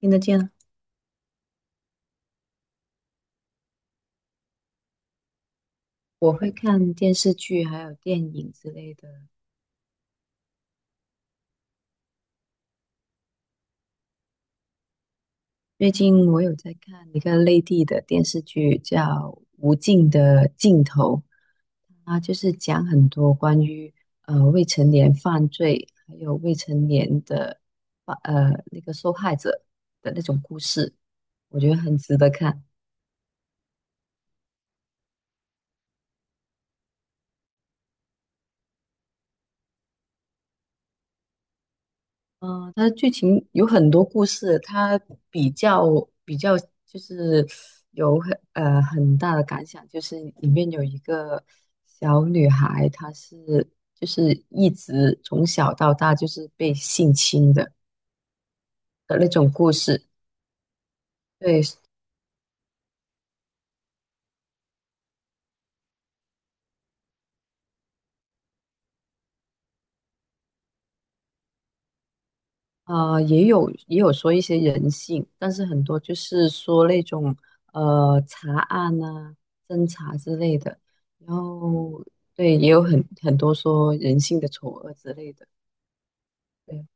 听得见啊。我会看电视剧还有电影之类的。最近我有在看一个内地的电视剧，叫《无尽的尽头》，它就是讲很多关于未成年犯罪，还有未成年的那个受害者的那种故事，我觉得很值得看。它的剧情有很多故事，它比较比较就是有很大的感想，就是里面有一个小女孩，她是就是一直从小到大就是被性侵的的那种故事。对，啊，也有说一些人性，但是很多就是说那种查案呐、侦查之类的，然后对，也有很多说人性的丑恶之类的。对，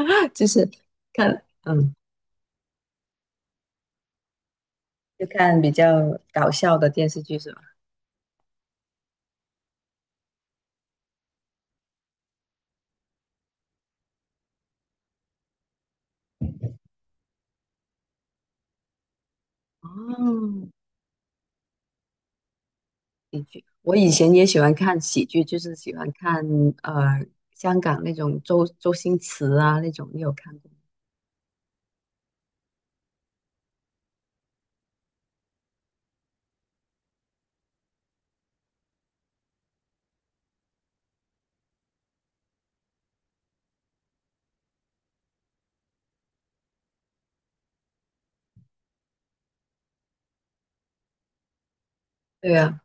就是看嗯，就看比较搞笑的电视剧是吧？哦，我以前也喜欢看喜剧，就是喜欢看呃香港那种周星驰啊那种，你有看过吗？对啊。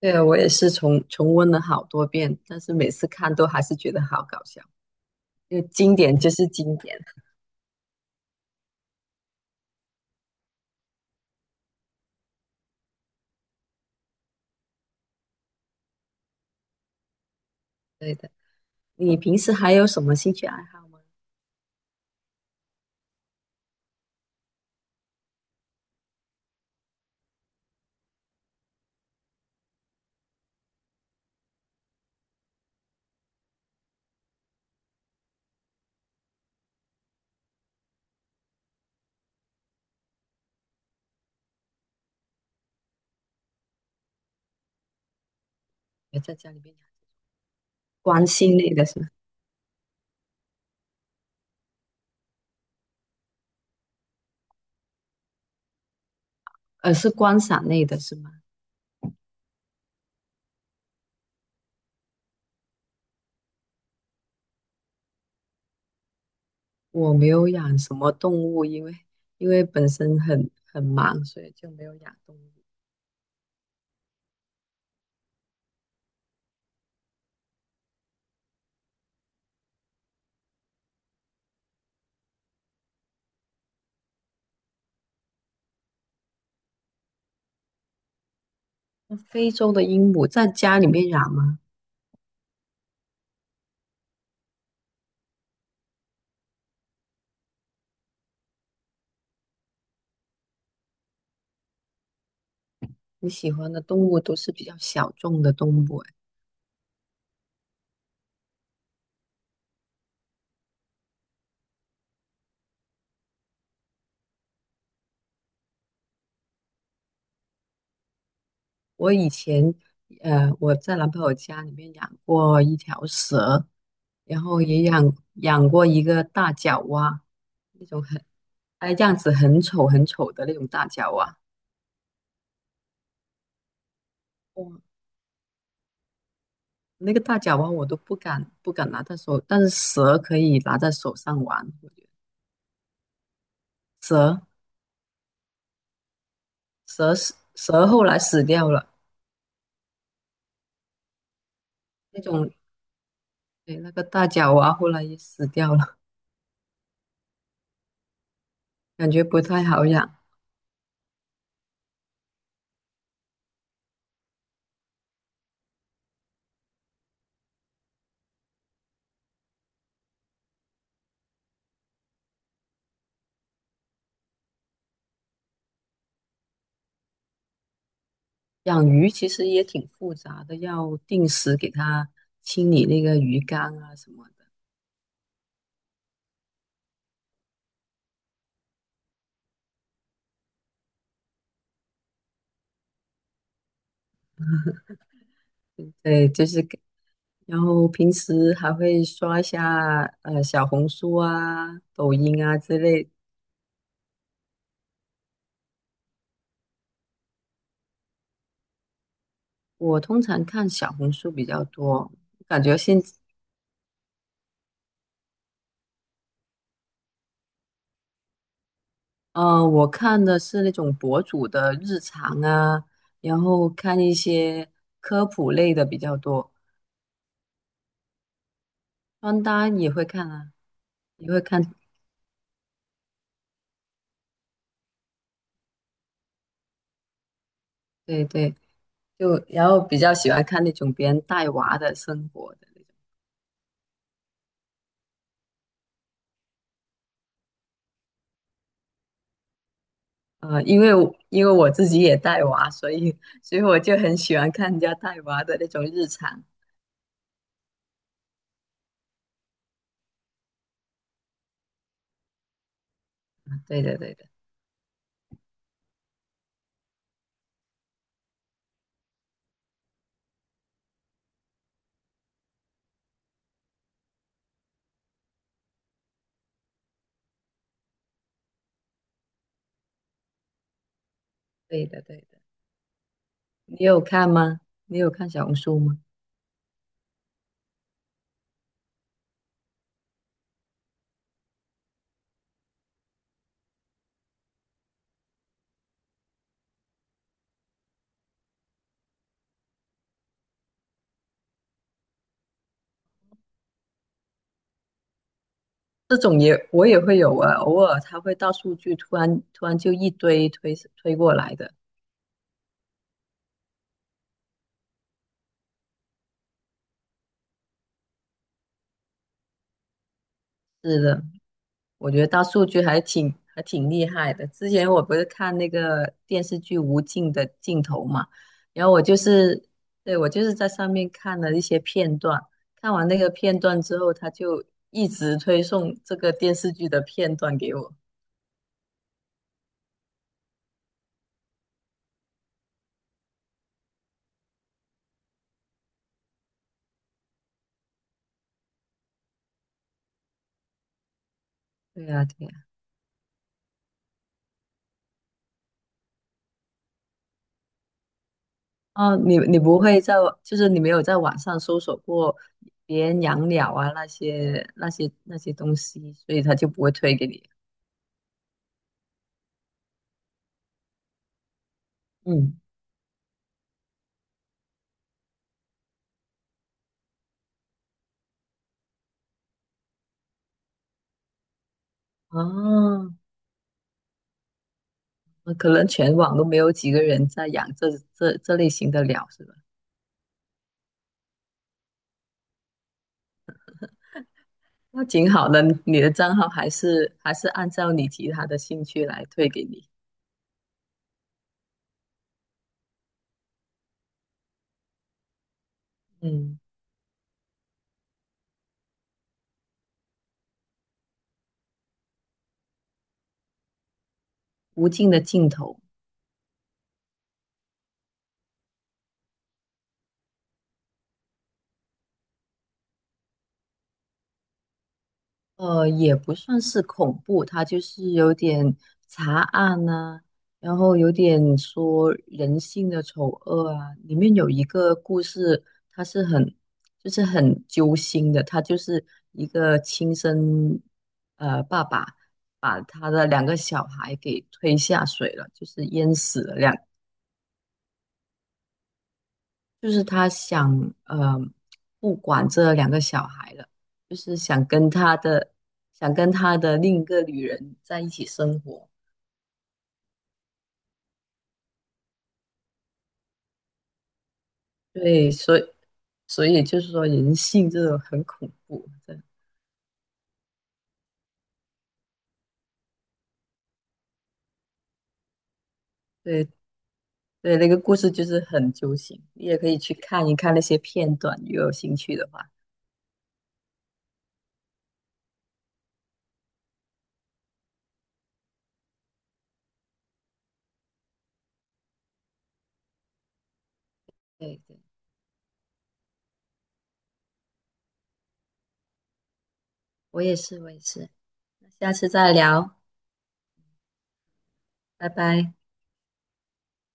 对，我也是重温了好多遍，但是每次看都还是觉得好搞笑，因为经典就是经典。对的，你平时还有什么兴趣爱好吗？也在家里面养观星类的是吗？是观赏类的是吗？我没有养什么动物，因为因为本身很忙，所以就没有养动物。那非洲的鹦鹉在家里面养吗？你喜欢的动物都是比较小众的动物哎。我以前，我在男朋友家里面养过一条蛇，然后也养过一个大脚蛙，那种很，哎，样子很丑很丑的那种大脚蛙。哇，那个大脚蛙我都不敢拿在手，但是蛇可以拿在手上玩。我觉得蛇蛇后来死掉了。那种，对，那个大脚蛙后来也死掉了，感觉不太好养。养鱼其实也挺复杂的，要定时给它清理那个鱼缸啊什么的。对，就是给，然后平时还会刷一下小红书啊、抖音啊之类。我通常看小红书比较多，感觉现呃我看的是那种博主的日常啊，然后看一些科普类的比较多，穿搭也会看啊，也会看。对对。就然后比较喜欢看那种别人带娃的生活的。因为我因为我自己也带娃，所以所以我就很喜欢看人家带娃的那种日常。对的，对的，对的，对的。你有看吗？你有看小红书吗？这种也我也会有啊，偶尔他会大数据突然就一堆推过来的。是的，我觉得大数据还挺厉害的。之前我不是看那个电视剧《无尽的尽头》嘛，然后我就是，对，我就是在上面看了一些片段，看完那个片段之后，他就一直推送这个电视剧的片段给我。对呀，对呀。哦，你你不会在，就是你没有在网上搜索过别人养鸟啊那些东西，所以他就不会推给你。嗯，哦，可能全网都没有几个人在养这类型的鸟，是吧？那挺好的，你的账号还是还是按照你其他的兴趣来推给你。嗯，无尽的尽头。也不算是恐怖，它就是有点查案呐、然后有点说人性的丑恶啊。里面有一个故事，它是很就是很揪心的，他就是一个亲生爸爸把他的两个小孩给推下水了，就是淹死了两就是他想呃不管这两个小孩了，就是想跟他的想跟他的另一个女人在一起生活。对，所以所以就是说人性这种很恐怖，真的对对，那个故事就是很揪心，你也可以去看一看那些片段，如果有兴趣的话。对对，我也是，我也是，那下次再聊，拜拜。